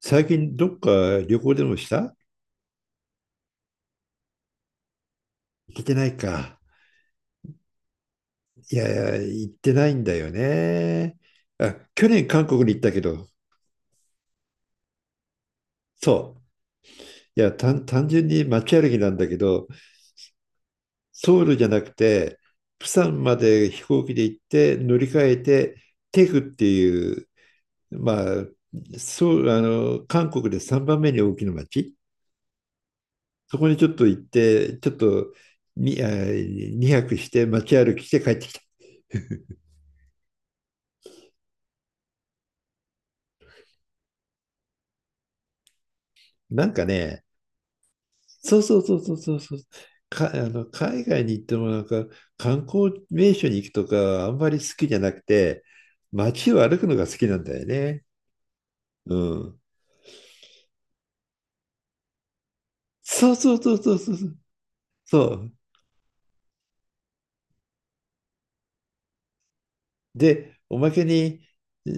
最近どっか旅行でもした？行ってないか。いやいや、行ってないんだよね。あ、去年韓国に行ったけど、そう。いや、単純に街歩きなんだけど、ソウルじゃなくて、釜山まで飛行機で行って乗り換えて、テグっていう、まあ、そう、韓国で3番目に大きな街。そこにちょっと行って、ちょっとに、あ、2泊して街歩きして帰ってきた。なんかね、そうそうそうそうそうそう。海外に行ってもなんか観光名所に行くとかあんまり好きじゃなくて、街を歩くのが好きなんだよね。うん。そうそうそうそうそうそう。そう。で、おまけに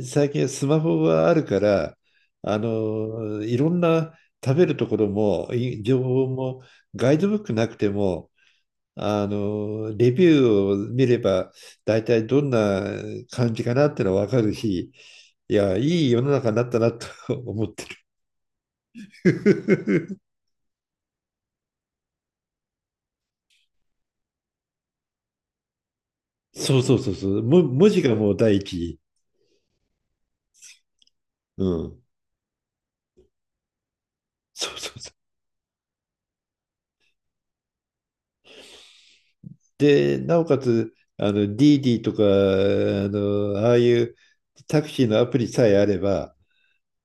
最近はスマホがあるから、いろんな食べるところも、情報もガイドブックなくてもレビューを見れば、大体どんな感じかなってのは分かるし、いや、いい世の中になったなと 思ってる。 そうそうそうそう。文字がもう第一。うん。そうそうそう。で、なおかつ、ディーディとか、ああいうタクシーのアプリさえあれば、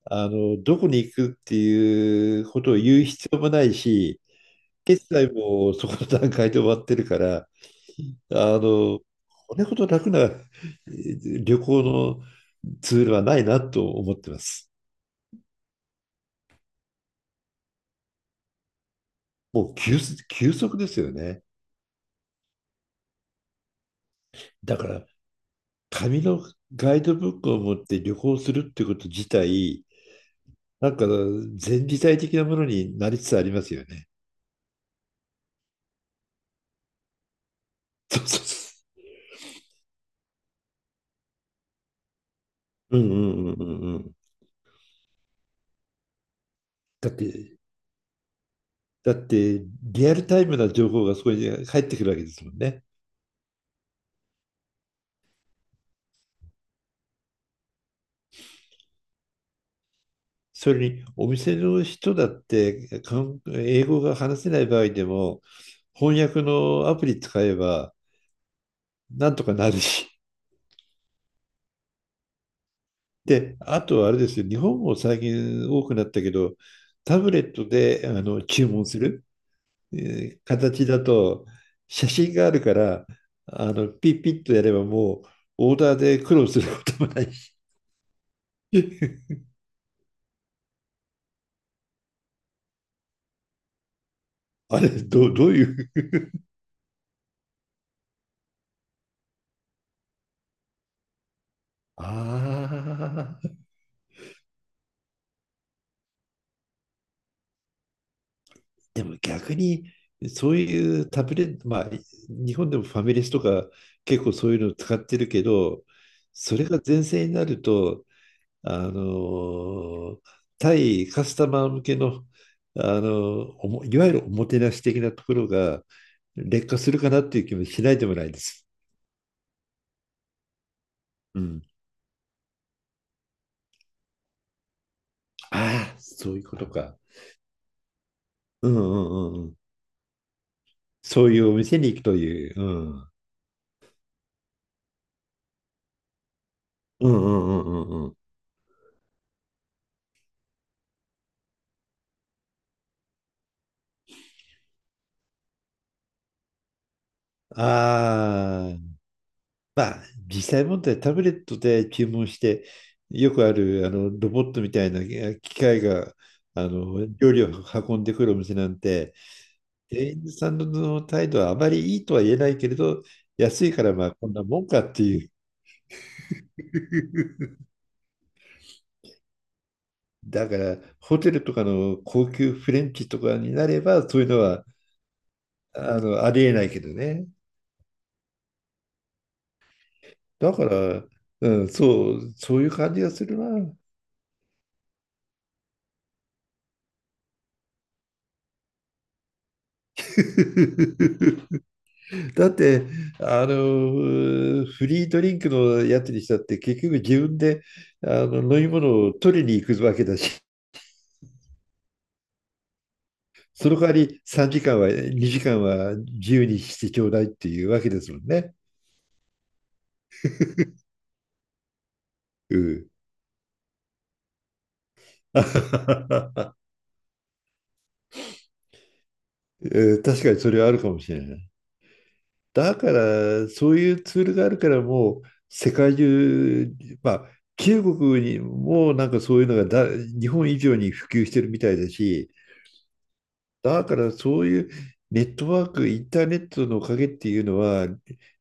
どこに行くっていうことを言う必要もないし、決済もそこの段階で終わってるから、あの、これほど楽な旅行のツールはないなと思ってます。もう急速、急速ですよね。だから、紙のガイドブックを持って旅行するってこと自体、なんか前時代的なものになりつつありますよね。そうそうそう。うんうんうんうんうん。だって、だって、リアルタイムな情報がそこに入ってくるわけですもんね。それにお店の人だって英語が話せない場合でも翻訳のアプリ使えばなんとかなるし。で、あとはあれですよ、日本も最近多くなったけど、タブレットで注文する、え形だと写真があるからピッピッとやればもうオーダーで苦労することもないし。あれどう、どういう。ああ。でも逆に、そういうタブレット、まあ、日本でもファミレスとか結構そういうのを使ってるけど、それが全盛になると、あの対カスタマー向けの、あのおもいわゆるおもてなし的なところが劣化するかなっていう気もしないでもないです。うん、ああ、そういうことか。うんうんうんうん。そういうお店に行くという。うん、うんうんうんうんうん。ああ、まあ、実際問題、タブレットで注文して、よくあるロボットみたいな機械が料理を運んでくるお店なんて、店員さんの態度はあまりいいとは言えないけれど、安いからまあこんなもんかっていう。だからホテルとかの高級フレンチとかになればそういうのはありえないけどね。だから、うん、そう、そういう感じがするな。だって、フリードリンクのやつにしたって、結局自分で飲み物を取りに行くわけだし、その代わり3時間は、2時間は自由にしてちょうだいっていうわけですもんね。うん。確かにそれはあるかもしれない。だから、そういうツールがあるから、もう世界中、まあ、中国にもなんかそういうのが日本以上に普及してるみたいだし、だからそういうネットワーク、インターネットのおかげっていうのは、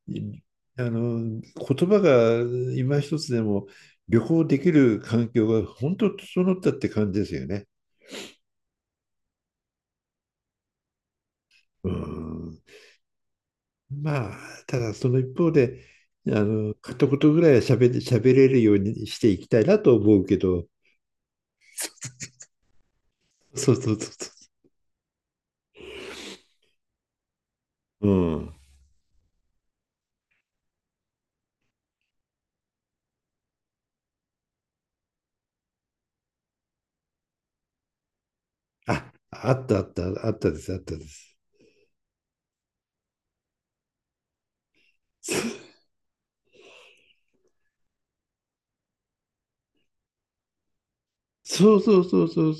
いあの、言葉が今一つでも旅行できる環境が本当整ったって感じですよね。うん。まあ、ただその一方で、片言ぐらいは喋れるようにしていきたいなと思うけど、そうそうそうそう。うん。あ、あったあった、あったです、あったです。そうそうそうそう。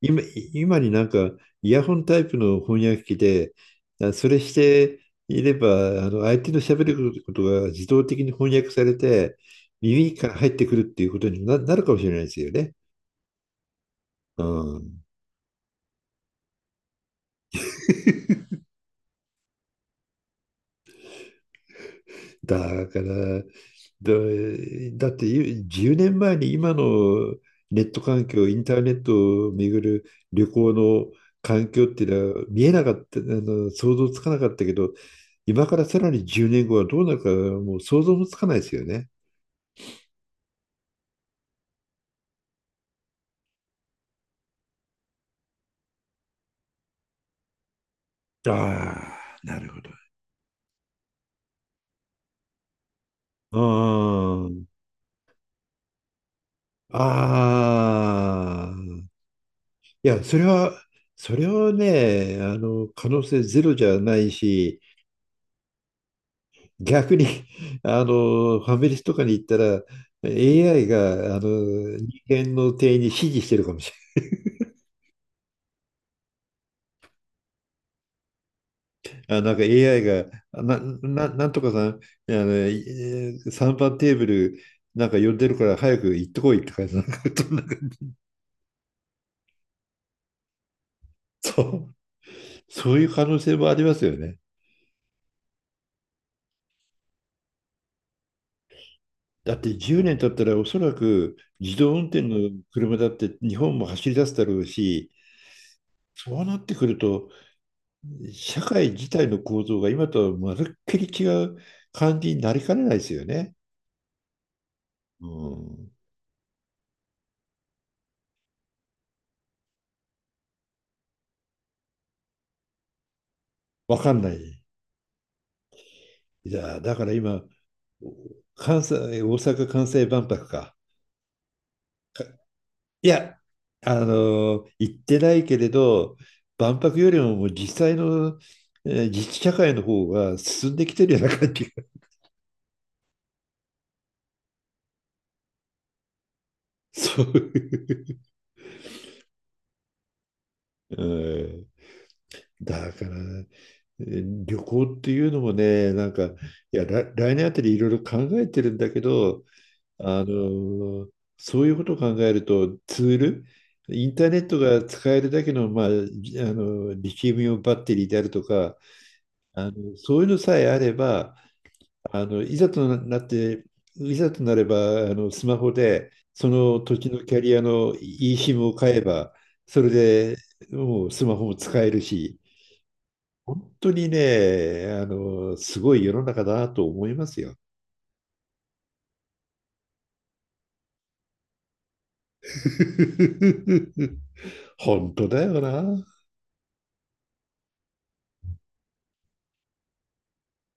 今、今になんかイヤホンタイプの翻訳機で、それしていれば、相手の喋ることが自動的に翻訳されて、耳から入ってくるっていうことになるかもしれないですよね。うん。だから、だって10年前に今のネット環境、インターネットを巡る旅行の環境っていうのは見えなかった、想像つかなかったけど、今からさらに10年後はどうなるかもう想像もつかないですよね。ああ、なるほど。うん。ああ。いや、それはね、可能性ゼロじゃないし、逆に、ファミレスとかに行ったら、AI が、人間の店員に指示してるかもしれない。あ、なんか AI が、なんとかさん、3番テーブル、なんか呼んでるから早く行ってこいって感じなんか、そんなそう、そういう可能性もありますよね。だって10年経ったらおそらく自動運転の車だって日本も走り出すだろうし、そうなってくると社会自体の構造が今とはまるっきり違う感じになりかねないですよね。うん、わかんない。いや、だから今、関西、大阪・関西万博か。かいや、行ってないけれど、万博よりももう実際の、自治社会の方が進んできてるような感じが、そういう。うん、だから、旅行っていうのもね、なんか、いや、来年あたりいろいろ考えてるんだけど、あの、そういうことを考えると、ツール、インターネットが使えるだけの、まあ、じあの、リチウムイオンバッテリーであるとか、そういうのさえあれば、いざとなって、いざとなれば、スマホで、その土地のキャリアの eSIM を買えば、それでもうスマホも使えるし、本当にね、すごい世の中だなと思いますよ。本当だよな。